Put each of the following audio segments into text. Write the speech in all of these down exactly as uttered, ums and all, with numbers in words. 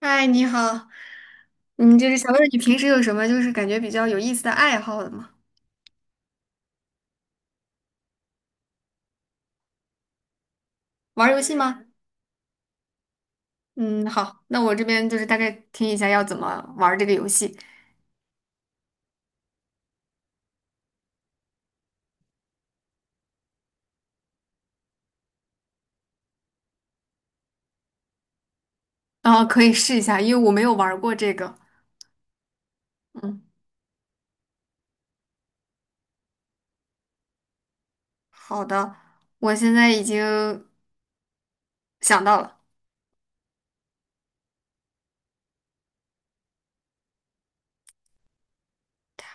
嗨，你好，嗯，就是想问问你平时有什么就是感觉比较有意思的爱好的吗？玩儿游戏吗？嗯，好，那我这边就是大概听一下要怎么玩儿这个游戏，然后可以试一下，因为我没有玩儿过这个。嗯，好的，我现在已经想到了，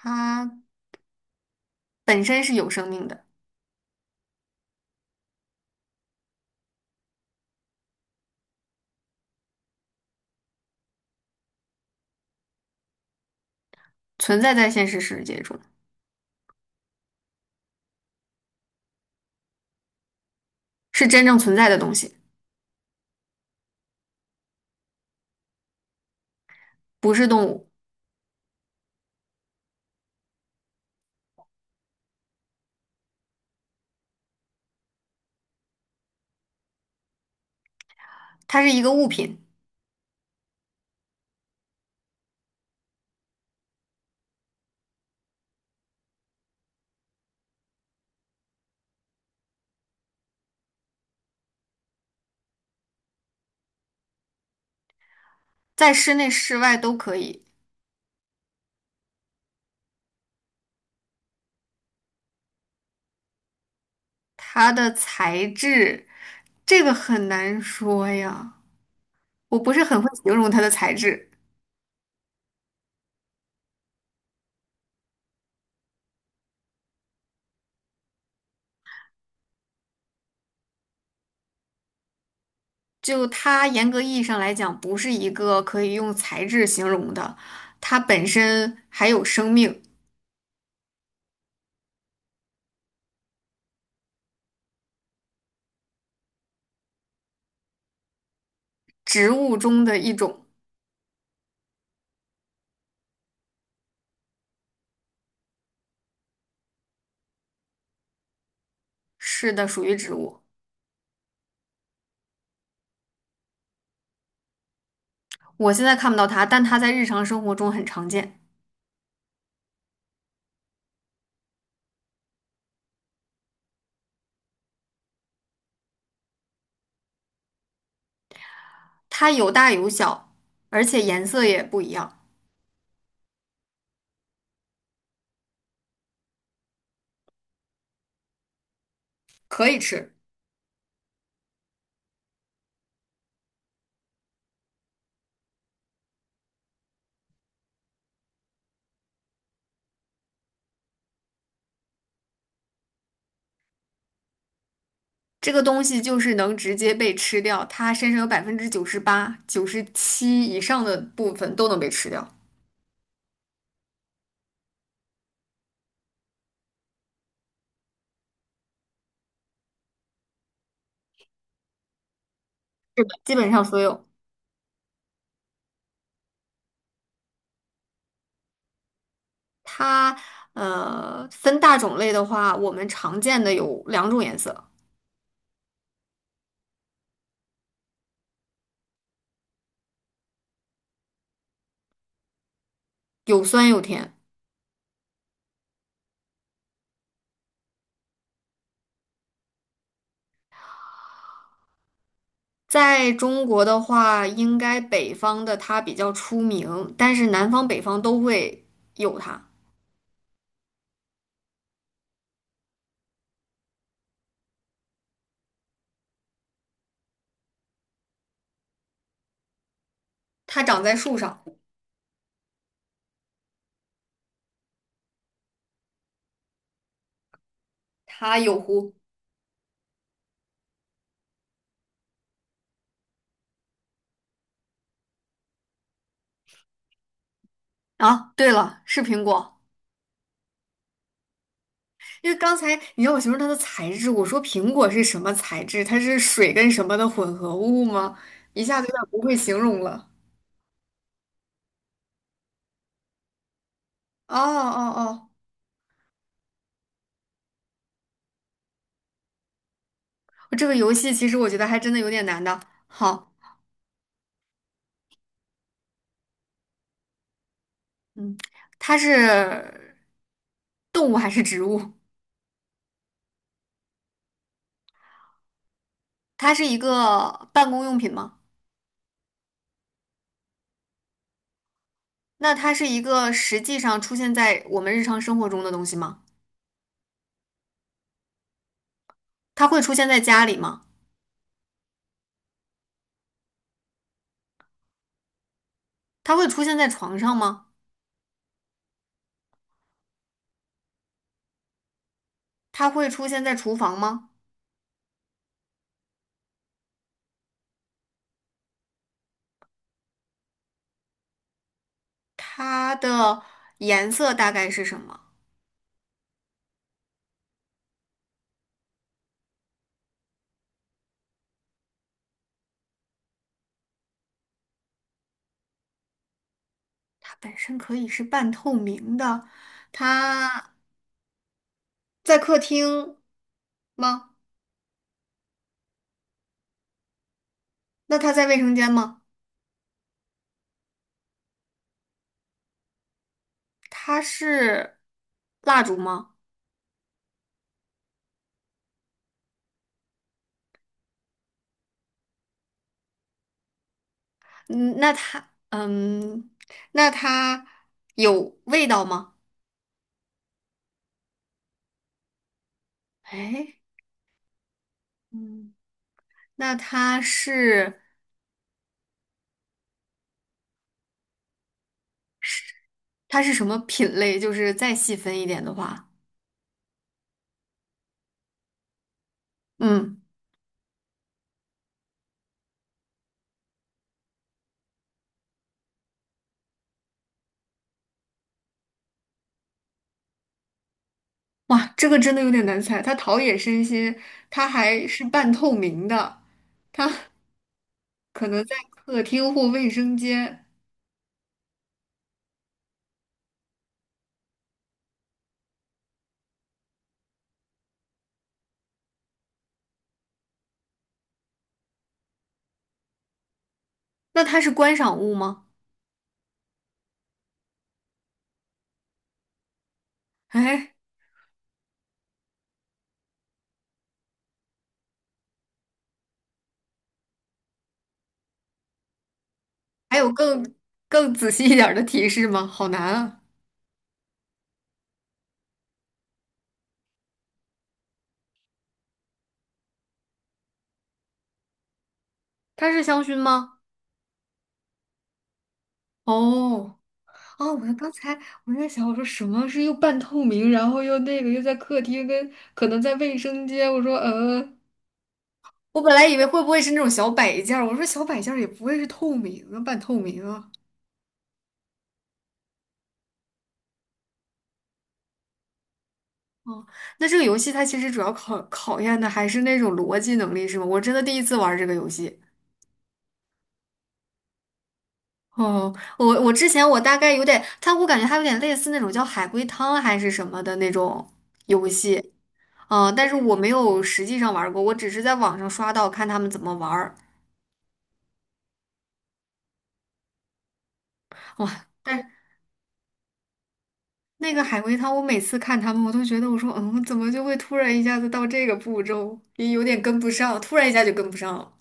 它本身是有生命的，存在在现实世界中，是真正存在的东西，不是动物，它是一个物品，在室内、室外都可以。它的材质，这个很难说呀，我不是很会形容它的材质。就它严格意义上来讲，不是一个可以用材质形容的，它本身还有生命，植物中的一种。是的，属于植物。我现在看不到它，但它在日常生活中很常见。它有大有小，而且颜色也不一样，可以吃。这个东西就是能直接被吃掉，它身上有百分之九十八、九十七以上的部分都能被吃掉，基本上所有。它呃分大种类的话，我们常见的有两种颜色，有酸有甜。在中国的话，应该北方的它比较出名，但是南方北方都会有它。它长在树上，它有核啊。对了，是苹果。因为刚才你让我形容它的材质，我说苹果是什么材质？它是水跟什么的混合物吗？一下子有点不会形容了。哦哦哦，这个游戏其实我觉得还真的有点难的。好，嗯，它是动物还是植物？它是一个办公用品吗？那它是一个实际上出现在我们日常生活中的东西吗？它会出现在家里吗？它会出现在床上吗？它会出现在厨房吗？它的颜色大概是什么？它本身可以是半透明的。它在客厅吗？那它在卫生间吗？它是蜡烛吗？嗯，那它，嗯，那它有味道吗？哎，嗯，那它是是它是什么品类？就是再细分一点的话，嗯，哇，这个真的有点难猜。它陶冶身心，它还是半透明的，它可能在客厅或卫生间。那它是观赏物吗？哎，还有更更仔细一点儿的提示吗？好难啊！它是香薰吗？哦哦，我刚才我在想，我说什么是又半透明，然后又那个又在客厅跟可能在卫生间，我说呃，我本来以为会不会是那种小摆件儿，我说小摆件儿也不会是透明啊，半透明啊。哦，那这个游戏它其实主要考考验的还是那种逻辑能力，是吗？我真的第一次玩这个游戏。哦，我我之前我大概有点，它我感觉它有点类似那种叫海龟汤还是什么的那种游戏，嗯、但是我没有实际上玩过，我只是在网上刷到看他们怎么玩儿。哇，但是那个海龟汤，我每次看他们，我都觉得我说，嗯，怎么就会突然一下子到这个步骤，也有点跟不上，突然一下就跟不上了。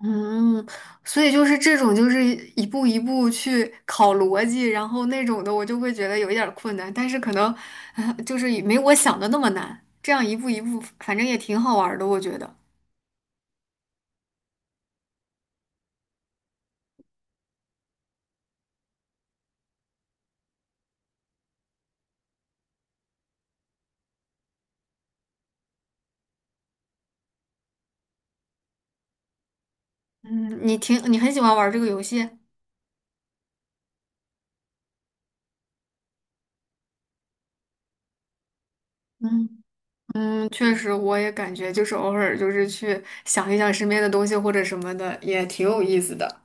嗯，所以就是这种，就是一步一步去考逻辑，然后那种的我就会觉得有一点儿困难，但是可能，呃就是也没我想的那么难。这样一步一步，反正也挺好玩儿的，我觉得。嗯，你挺你很喜欢玩儿这个游戏。嗯嗯，确实，我也感觉就是偶尔就是去想一想身边的东西或者什么的，也挺有意思的。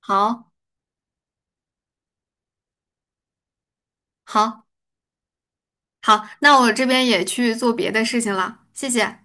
好，好，好，那我这边也去做别的事情了，谢谢。